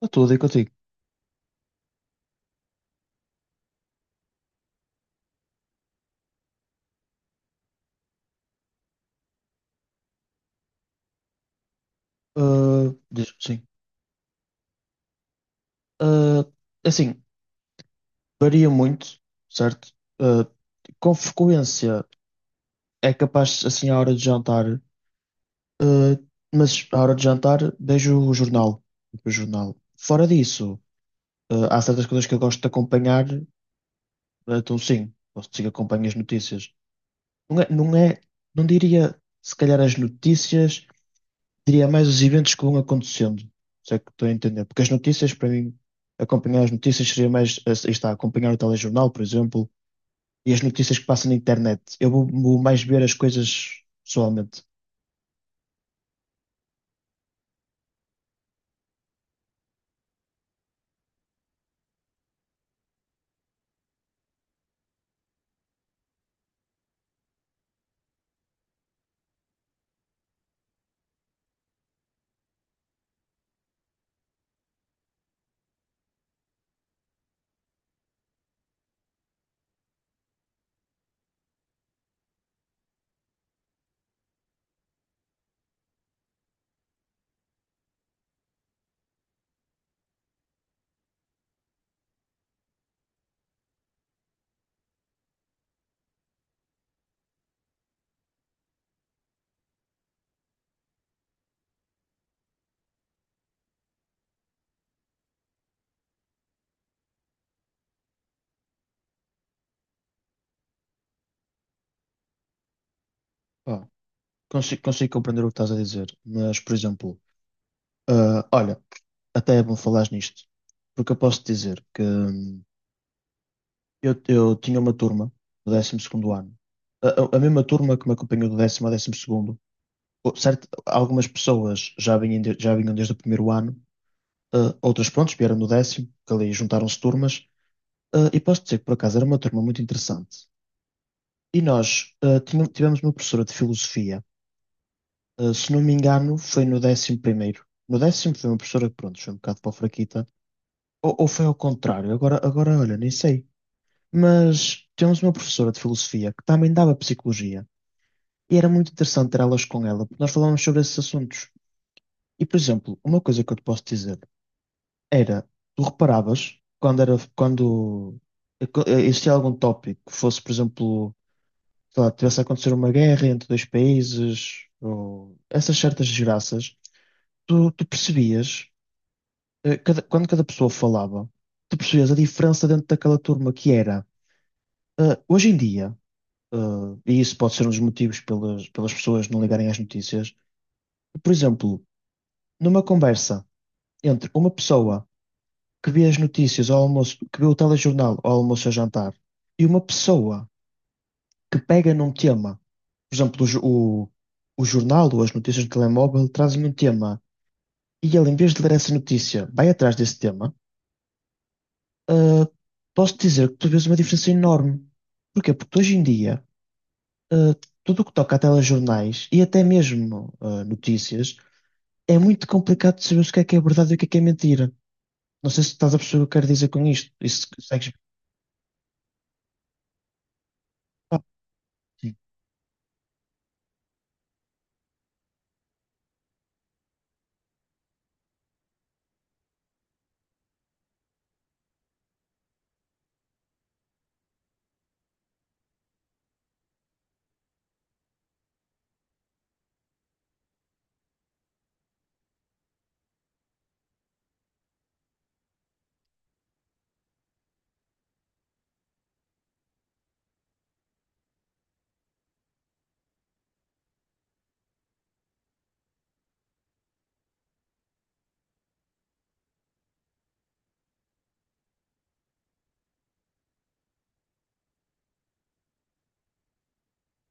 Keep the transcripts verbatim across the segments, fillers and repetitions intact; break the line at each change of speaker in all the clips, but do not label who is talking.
Está tudo aí contigo. Ah, diz sim. Ah, assim, varia muito, certo? Ah, com frequência é capaz, assim, à hora de jantar, ah, mas à hora de jantar vejo o jornal. Tipo, o jornal. Fora disso, ah, há certas coisas que eu gosto de acompanhar, então sim, posso dizer que acompanho as notícias. Não é, não é, não diria se calhar as notícias. Diria mais os eventos que vão acontecendo, se é que estou a entender. Porque as notícias, para mim, acompanhar as notícias seria mais, eh, aí está, acompanhar o telejornal, por exemplo, e as notícias que passam na internet. Eu vou, vou mais ver as coisas pessoalmente. Pá, consigo, consigo compreender o que estás a dizer, mas, por exemplo, ah, olha, até é bom falares nisto, porque eu posso dizer que hum, eu, eu tinha uma turma do décimo segundo ano, a, a a mesma turma que me acompanhou do décimo ao décimo segundo, o- certo, algumas pessoas já vinham, de- já vinham desde o primeiro ano, eh, outras, prontos, vieram no décimo, que ali juntaram-se turmas. Eh, e posso dizer que, por acaso, era uma turma muito interessante. E nós eh, tinha- tivemos uma professora de filosofia, eh, se não me engano, foi no décimo primeiro. No décimo foi uma professora que, pronto, foi um bocado para a fraquita, ou, ou foi ao contrário, agora, agora, olha, nem sei. Mas tínhamos uma professora de filosofia que também dava psicologia, e era muito interessante ter aulas com ela, porque nós falávamos sobre esses assuntos. E, por exemplo, uma coisa que eu te posso dizer era, tu reparavas, quando era, quando existia algum tópico que fosse, por exemplo, sei lá, tivesse a acontecer uma guerra entre dois países, ou essas certas desgraças, tu, tu percebias, eh, cada- quando cada pessoa falava, tu percebias a diferença dentro daquela turma que era. Eh, hoje em dia, eh, e isso pode ser um dos motivos pelas, pelas pessoas não ligarem às notícias, por exemplo, numa conversa entre uma pessoa que vê as notícias ao almoço, que vê o telejornal ao almoço a jantar, e uma pessoa que pega num tema, por exemplo, o, jo- o, o jornal ou as notícias do telemóvel trazem um tema, e ele, em vez de ler essa notícia, vai atrás desse tema. ah, Posso dizer que tu vês uma diferença enorme. Porquê? Porque hoje em dia, ah, tudo o que toca a telejornais e até mesmo ah, notícias, é muito complicado de saber o que é que é verdade e o que é que é mentira. Não sei se estás a perceber o que eu quero dizer com isto. Isso consegues. Ah, sim.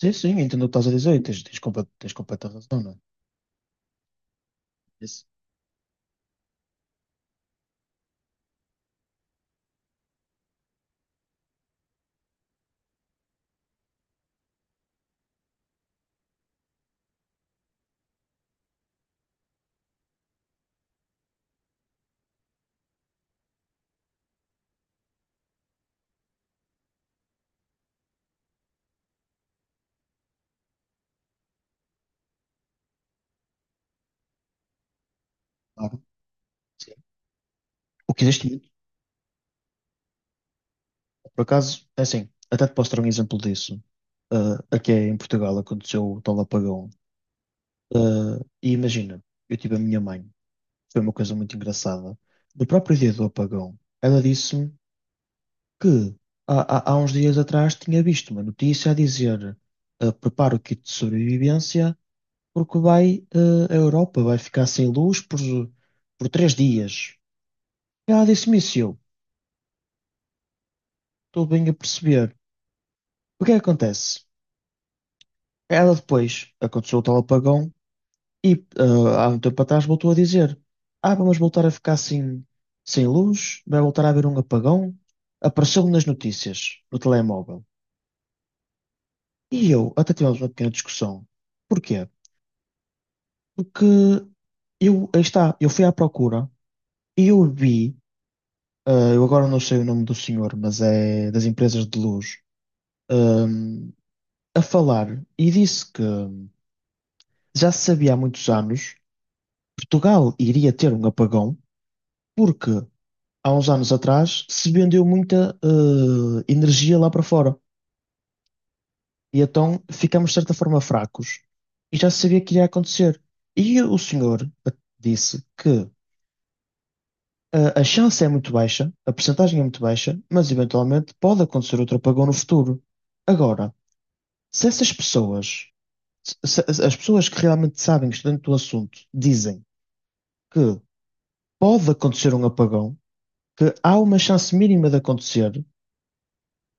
Sim, sim, entendo o que estás a dizer e tens, tens, compa- tens completa razão, não é? Isso, claro. Sim. O que existe muito, por acaso, é assim, até te posso dar um exemplo disso. Ah, aqui em Portugal aconteceu o tal apagão. Ah, e imagina, eu tive a minha mãe, foi uma coisa muito engraçada. No próprio dia do apagão, ela disse-me que há, há, há uns dias atrás tinha visto uma notícia a dizer: ah, prepara o kit de sobrevivência, porque vai, ah, a Europa vai ficar sem luz por, por três dias. Ela disse-me isso e eu. Estou bem a perceber. O que é que acontece? Ela depois aconteceu o tal apagão e ah, há um tempo atrás voltou a dizer: Ah, vamos voltar a ficar sem, sem luz, vai voltar a haver um apagão. Apareceu-me nas notícias, no telemóvel. E eu até tivemos uma pequena discussão. Porquê? Porque eu, aí está, eu fui à procura e eu vi, ah, eu agora não sei o nome do senhor, mas é das empresas de luz, ah, a falar e disse que já se sabia há muitos anos que Portugal iria ter um apagão, porque há uns anos atrás se vendeu muita eh, energia lá para fora. E então ficamos de certa forma fracos. E já se sabia que iria acontecer. E o senhor eh, disse que eh, a chance é muito baixa, a percentagem é muito baixa, mas eventualmente pode acontecer outro apagão no futuro. Agora, se essas pessoas, se- se- as pessoas que realmente sabem, que estão dentro do assunto, dizem que pode acontecer um apagão, que há uma chance mínima de acontecer,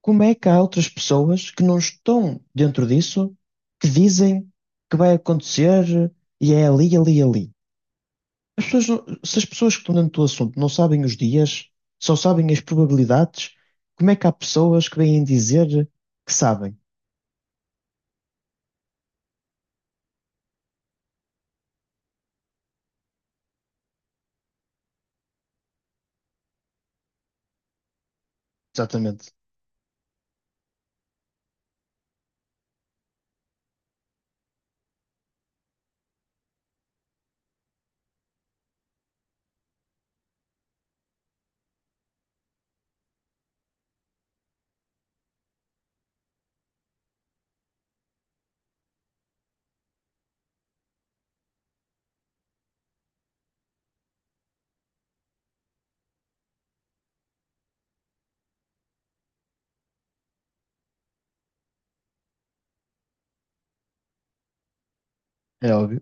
como é que há outras pessoas que não estão dentro disso que dizem que vai acontecer e é ali, ali, ali? As pessoas não- se as pessoas que estão dentro do assunto não sabem os dias, só sabem as probabilidades, como é que há pessoas que vêm dizer que sabem? Exatamente, é óbvio.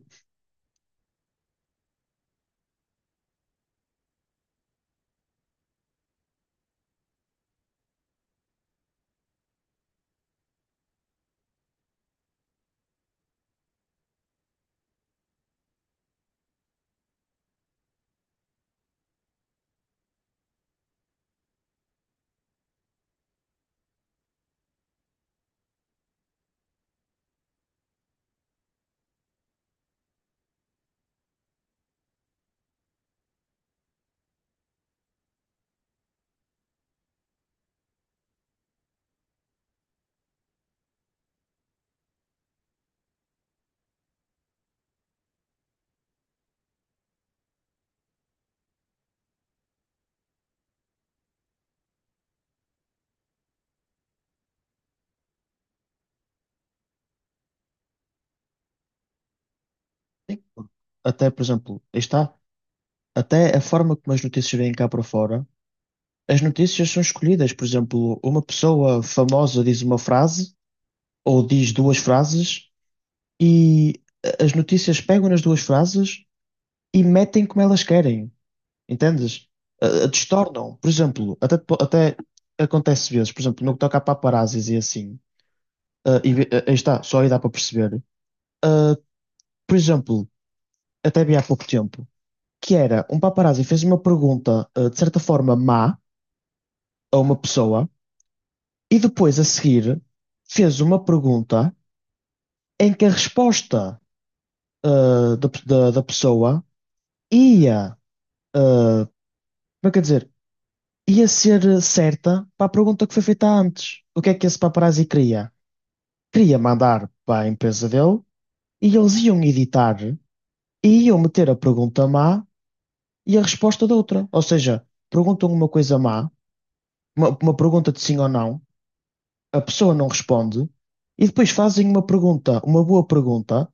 E, Até, por exemplo, aí está, até a forma como as notícias vêm cá para fora, as notícias são escolhidas. Por exemplo, uma pessoa famosa diz uma frase ou diz duas frases e as notícias pegam nas duas frases e metem como elas querem, entendes? A- a Distornam, por exemplo, até, po- até acontece vezes, por exemplo, no que toca a paparazzis e assim, ah, e, ve- ah, aí está, só aí dá para perceber. Ah, por exemplo, até vi há pouco tempo, que era um paparazzi fez uma pergunta, ah, de certa forma má a uma pessoa e depois a seguir fez uma pergunta em que a resposta ah, da, pe- da, da pessoa ia, ah, como é que eu ia dizer, ia ser certa para a pergunta que foi feita antes. O que é que esse paparazzi queria? Queria mandar para a empresa dele e eles iam editar e iam meter a pergunta má e a resposta da outra. Ou seja, perguntam uma coisa má, uma, uma pergunta de sim ou não, a pessoa não responde e depois fazem uma pergunta, uma boa pergunta,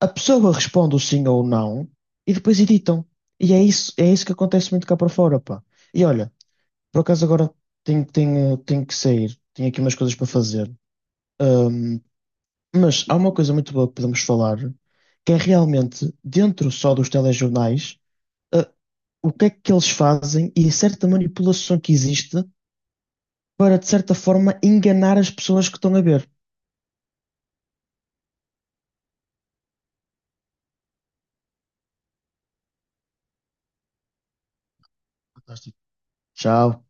a pessoa responde o sim ou o não e depois editam. E é isso, é isso que acontece muito cá para fora, pá. E olha, por acaso agora tenho, tenho, tenho que sair, tenho aqui umas coisas para fazer. Ahm, mas há uma coisa muito boa que podemos falar, que é realmente, dentro só dos telejornais, ah, o que é que eles fazem e a certa manipulação que existe para, de certa forma, enganar as pessoas que estão a ver. Fantástico. Tchau.